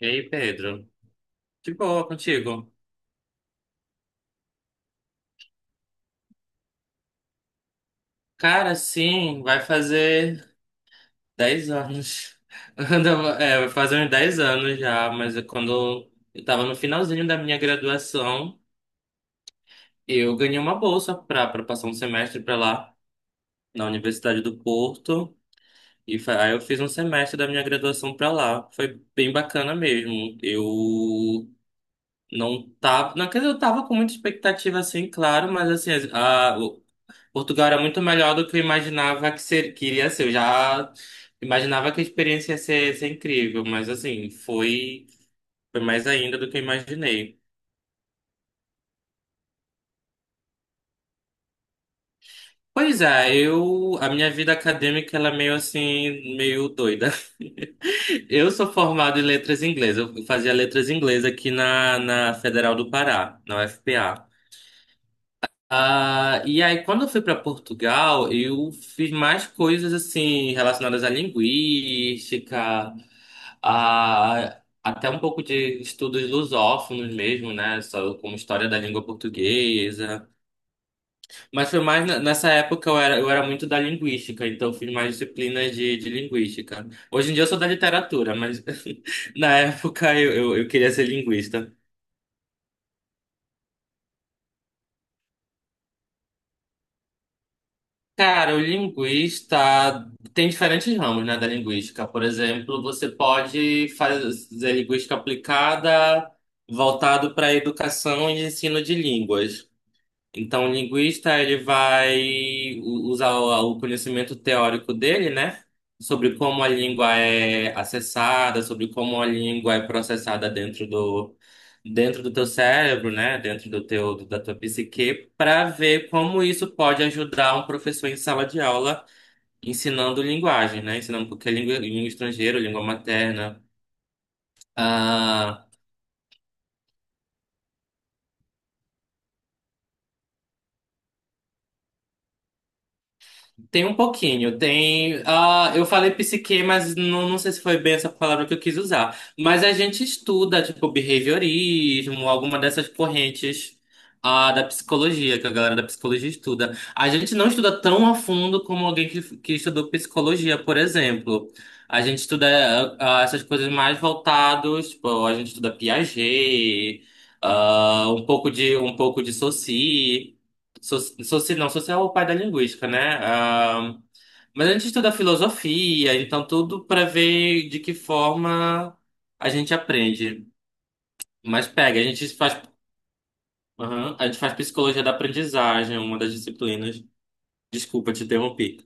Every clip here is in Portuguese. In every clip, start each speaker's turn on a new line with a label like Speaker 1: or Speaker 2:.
Speaker 1: E aí, Pedro? De boa contigo? Cara, sim, vai fazer 10 anos. Anda- É, vai fazer uns 10 anos já, mas é quando eu tava no finalzinho da minha graduação, eu ganhei uma bolsa pra passar um semestre pra lá, na Universidade do Porto. Aí eu fiz um semestre da minha graduação pra lá. Foi bem bacana mesmo. Eu não tava. Não, quer dizer, eu tava com muita expectativa, assim, claro, mas assim, Portugal era muito melhor do que eu imaginava que iria ser. Eu já imaginava que a experiência ia ser incrível, mas assim, foi mais ainda do que eu imaginei. Pois é, a minha vida acadêmica ela é meio assim, meio doida. Eu sou formado em letras inglesas. Eu fazia letras inglesas aqui na Federal do Pará, na UFPA. E aí, quando eu fui para Portugal, eu fiz mais coisas assim relacionadas à linguística, até um pouco de estudos lusófonos mesmo, né? Só como história da língua portuguesa. Mas foi mais nessa época eu era muito da linguística, então eu fiz mais disciplinas de linguística. Hoje em dia eu sou da literatura, mas na época eu queria ser linguista. Cara, o linguista tem diferentes ramos, né, da linguística. Por exemplo, você pode fazer linguística aplicada voltado para educação e ensino de línguas. Então, o linguista ele vai usar o conhecimento teórico dele, né? Sobre como a língua é acessada, sobre como a língua é processada dentro do teu cérebro, né? Dentro do teu da tua psique, para ver como isso pode ajudar um professor em sala de aula ensinando linguagem, né? Ensinando qualquer língua, língua estrangeira, língua materna. Ah, Tem um pouquinho, tem. Eu falei psique, mas não, não sei se foi bem essa palavra que eu quis usar. Mas a gente estuda, tipo, behaviorismo, alguma dessas correntes da psicologia, que a galera da psicologia estuda. A gente não estuda tão a fundo como alguém que estudou psicologia, por exemplo. A gente estuda essas coisas mais voltadas, tipo, a gente estuda Piaget, um pouco um pouco de Saussure. Soci, não, social é o pai da linguística, né? Mas a gente estuda filosofia, então tudo para ver de que forma a gente aprende. Mas pega, a gente faz, aham, a gente faz psicologia da aprendizagem, uma das disciplinas. Desculpa te interromper.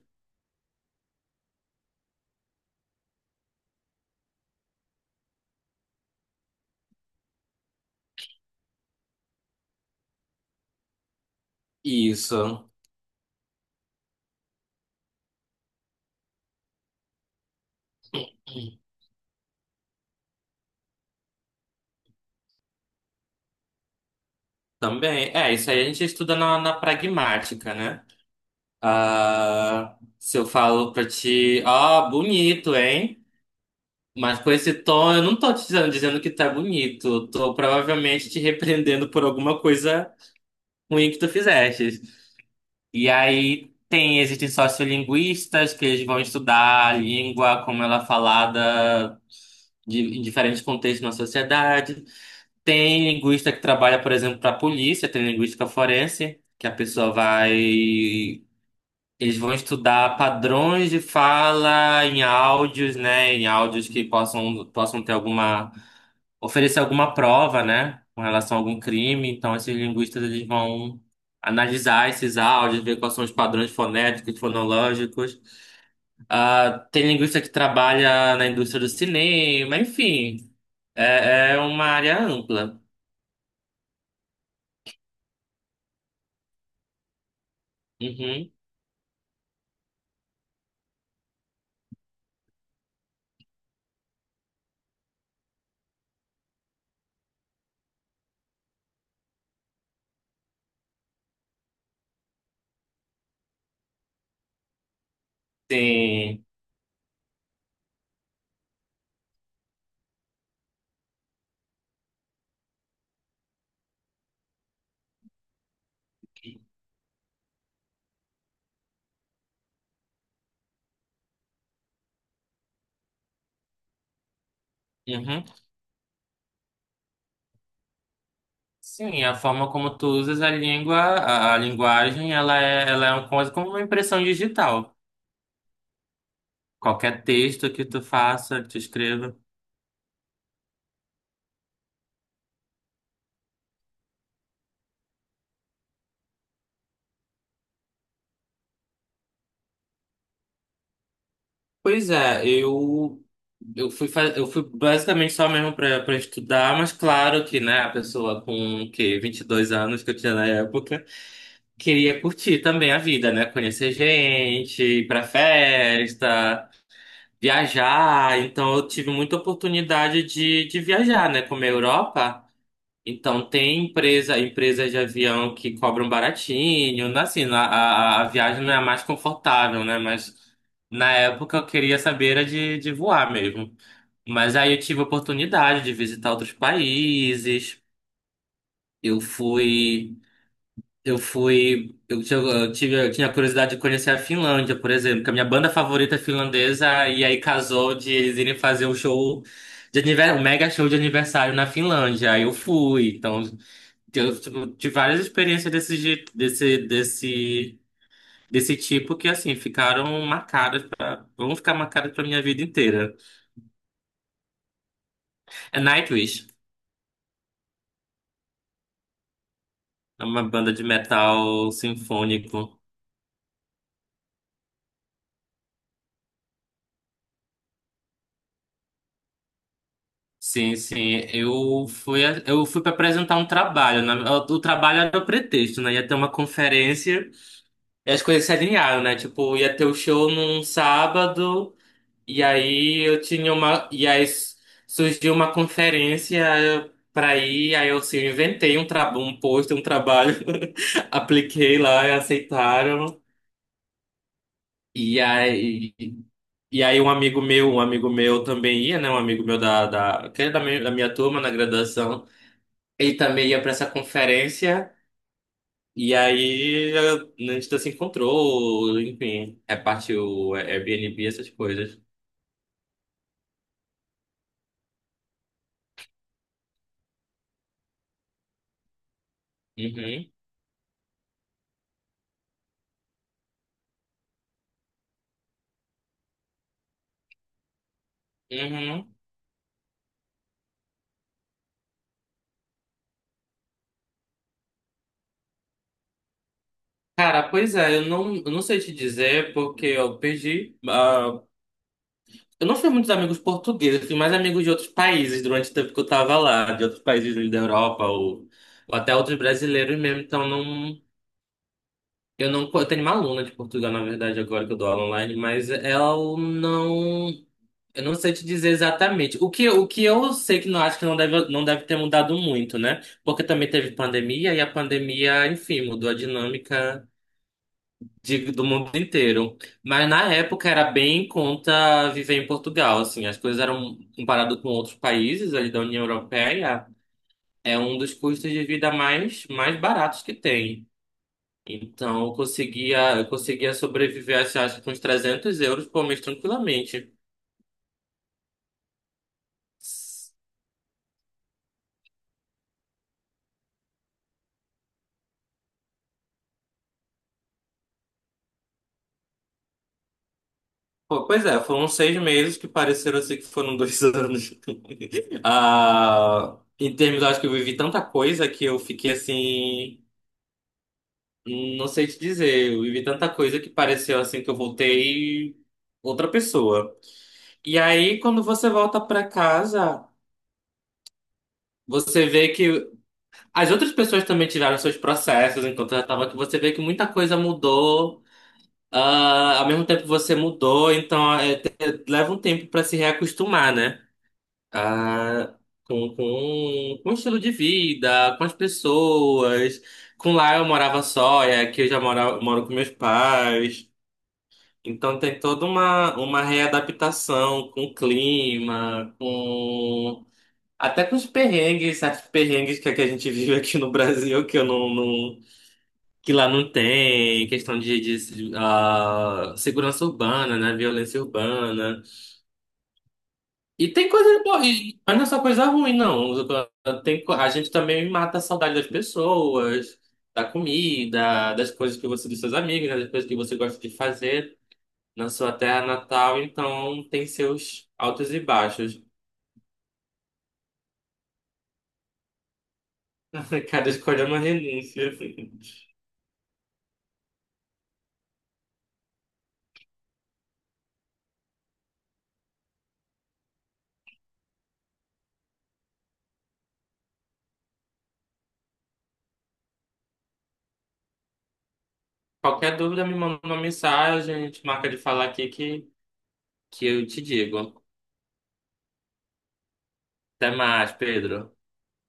Speaker 1: Isso, também. É, isso aí a gente estuda na pragmática, né? Se eu falo pra ti, ó, bonito, hein? Mas com esse tom, eu não tô te dizendo, dizendo que tá bonito. Eu tô provavelmente te repreendendo por alguma coisa ruim que tu fizeste. E aí tem, existem sociolinguistas que eles vão estudar a língua, como ela é falada em diferentes contextos na sociedade. Tem linguista que trabalha, por exemplo, para a polícia, tem linguística forense, que a pessoa vai. Eles vão estudar padrões de fala em áudios, né? Em áudios possam ter alguma oferecer alguma prova, né, com relação a algum crime. Então, esses linguistas eles vão analisar esses áudios, ver quais são os padrões fonéticos, fonológicos. Tem linguista que trabalha na indústria do cinema, enfim, é uma área ampla. Uhum. Sim. Uhum. Sim, a forma como tu usas a língua, a linguagem, ela é uma coisa como uma impressão digital. Qualquer texto que tu faça, que tu escreva. Pois é, eu eu fui basicamente só mesmo para estudar, mas claro que, né, a pessoa com que 22 anos que eu tinha na época, queria curtir também a vida, né, conhecer gente, ir para festa, viajar, então eu tive muita oportunidade de viajar, né, como a Europa. Então, empresas de avião que cobram baratinho, né? Assim, a viagem não é a mais confortável, né? Mas na época eu queria saber era de voar mesmo. Mas aí eu tive a oportunidade de visitar outros países. Eu fui, eu fui, eu, tinha- eu tive, eu tinha curiosidade de conhecer a Finlândia, por exemplo, que a minha banda favorita é finlandesa, e aí casou de eles irem fazer um show de aniversário, um mega show de aniversário na Finlândia. Aí eu fui, então. Eu tipo, tive várias experiências desse, jeito- desse, desse, desse tipo que, assim, vão ficar marcadas pra minha vida inteira. É Nightwish, é uma banda de metal sinfônico. Sim, sim, eu fui para apresentar um trabalho. Né? O trabalho era o pretexto, né? Ia ter uma conferência e as coisas se alinharam, né? Tipo, ia ter o show num sábado. E aí eu tinha uma. E aí s- Surgiu uma conferência para ir, aí eu assim, eu inventei um trabalho, apliquei lá e aceitaram. E aí. E aí um amigo meu também ia, né? Um amigo meu que é da minha turma na graduação, ele também ia para essa conferência. A gente se encontrou, enfim, repartiu Airbnb, essas coisas. Uhum, uhum. Cara, pois é, eu não sei te dizer porque eu perdi. Eu não fiz muitos amigos portugueses, eu fiz mais amigos de outros países durante o tempo que eu tava lá, de outros países da Europa ou até outros brasileiros mesmo. Então não, eu tenho uma aluna de Portugal na verdade agora que eu dou aula online, mas ela não, eu não sei te dizer exatamente. O que eu sei que não acho que não deve, não deve ter mudado muito, né? Porque também teve pandemia e a pandemia, enfim, mudou a dinâmica. Do mundo inteiro. Mas na época era bem em conta viver em Portugal, assim, as coisas eram comparado com outros países ali da União Europeia, é um dos custos de vida mais mais baratos que tem. Então, eu conseguia sobreviver, assim, acho que com uns 300 euros por mês tranquilamente. Pô, pois é, foram 6 meses que pareceram assim que foram 2 anos. Ah, em termos, eu acho que eu vivi tanta coisa que eu fiquei assim. Não sei te dizer, eu vivi tanta coisa que pareceu assim que eu voltei outra pessoa. E aí, quando você volta pra casa, você vê que as outras pessoas também tiveram seus processos enquanto eu tava aqui. Você vê que muita coisa mudou, ao mesmo tempo você mudou, então leva um tempo pra se reacostumar, né? Ah, com o estilo de vida, com as pessoas. Com lá eu morava só, e aqui moro com meus pais. Então tem uma readaptação com o clima, com até com os perrengues, certos perrengues que a gente vive aqui no Brasil, que lá não tem, questão segurança urbana, né? Violência urbana. E tem coisa boa, mas não é só coisa ruim, não. Tem, a gente também mata a saudade das pessoas, da comida, das coisas que você, dos seus amigos, né, das coisas que você gosta de fazer na sua terra natal, então tem seus altos e baixos. Cada escolha é uma renúncia. Qualquer dúvida, me manda uma mensagem, a gente marca de falar aqui que eu te digo. Até mais, Pedro.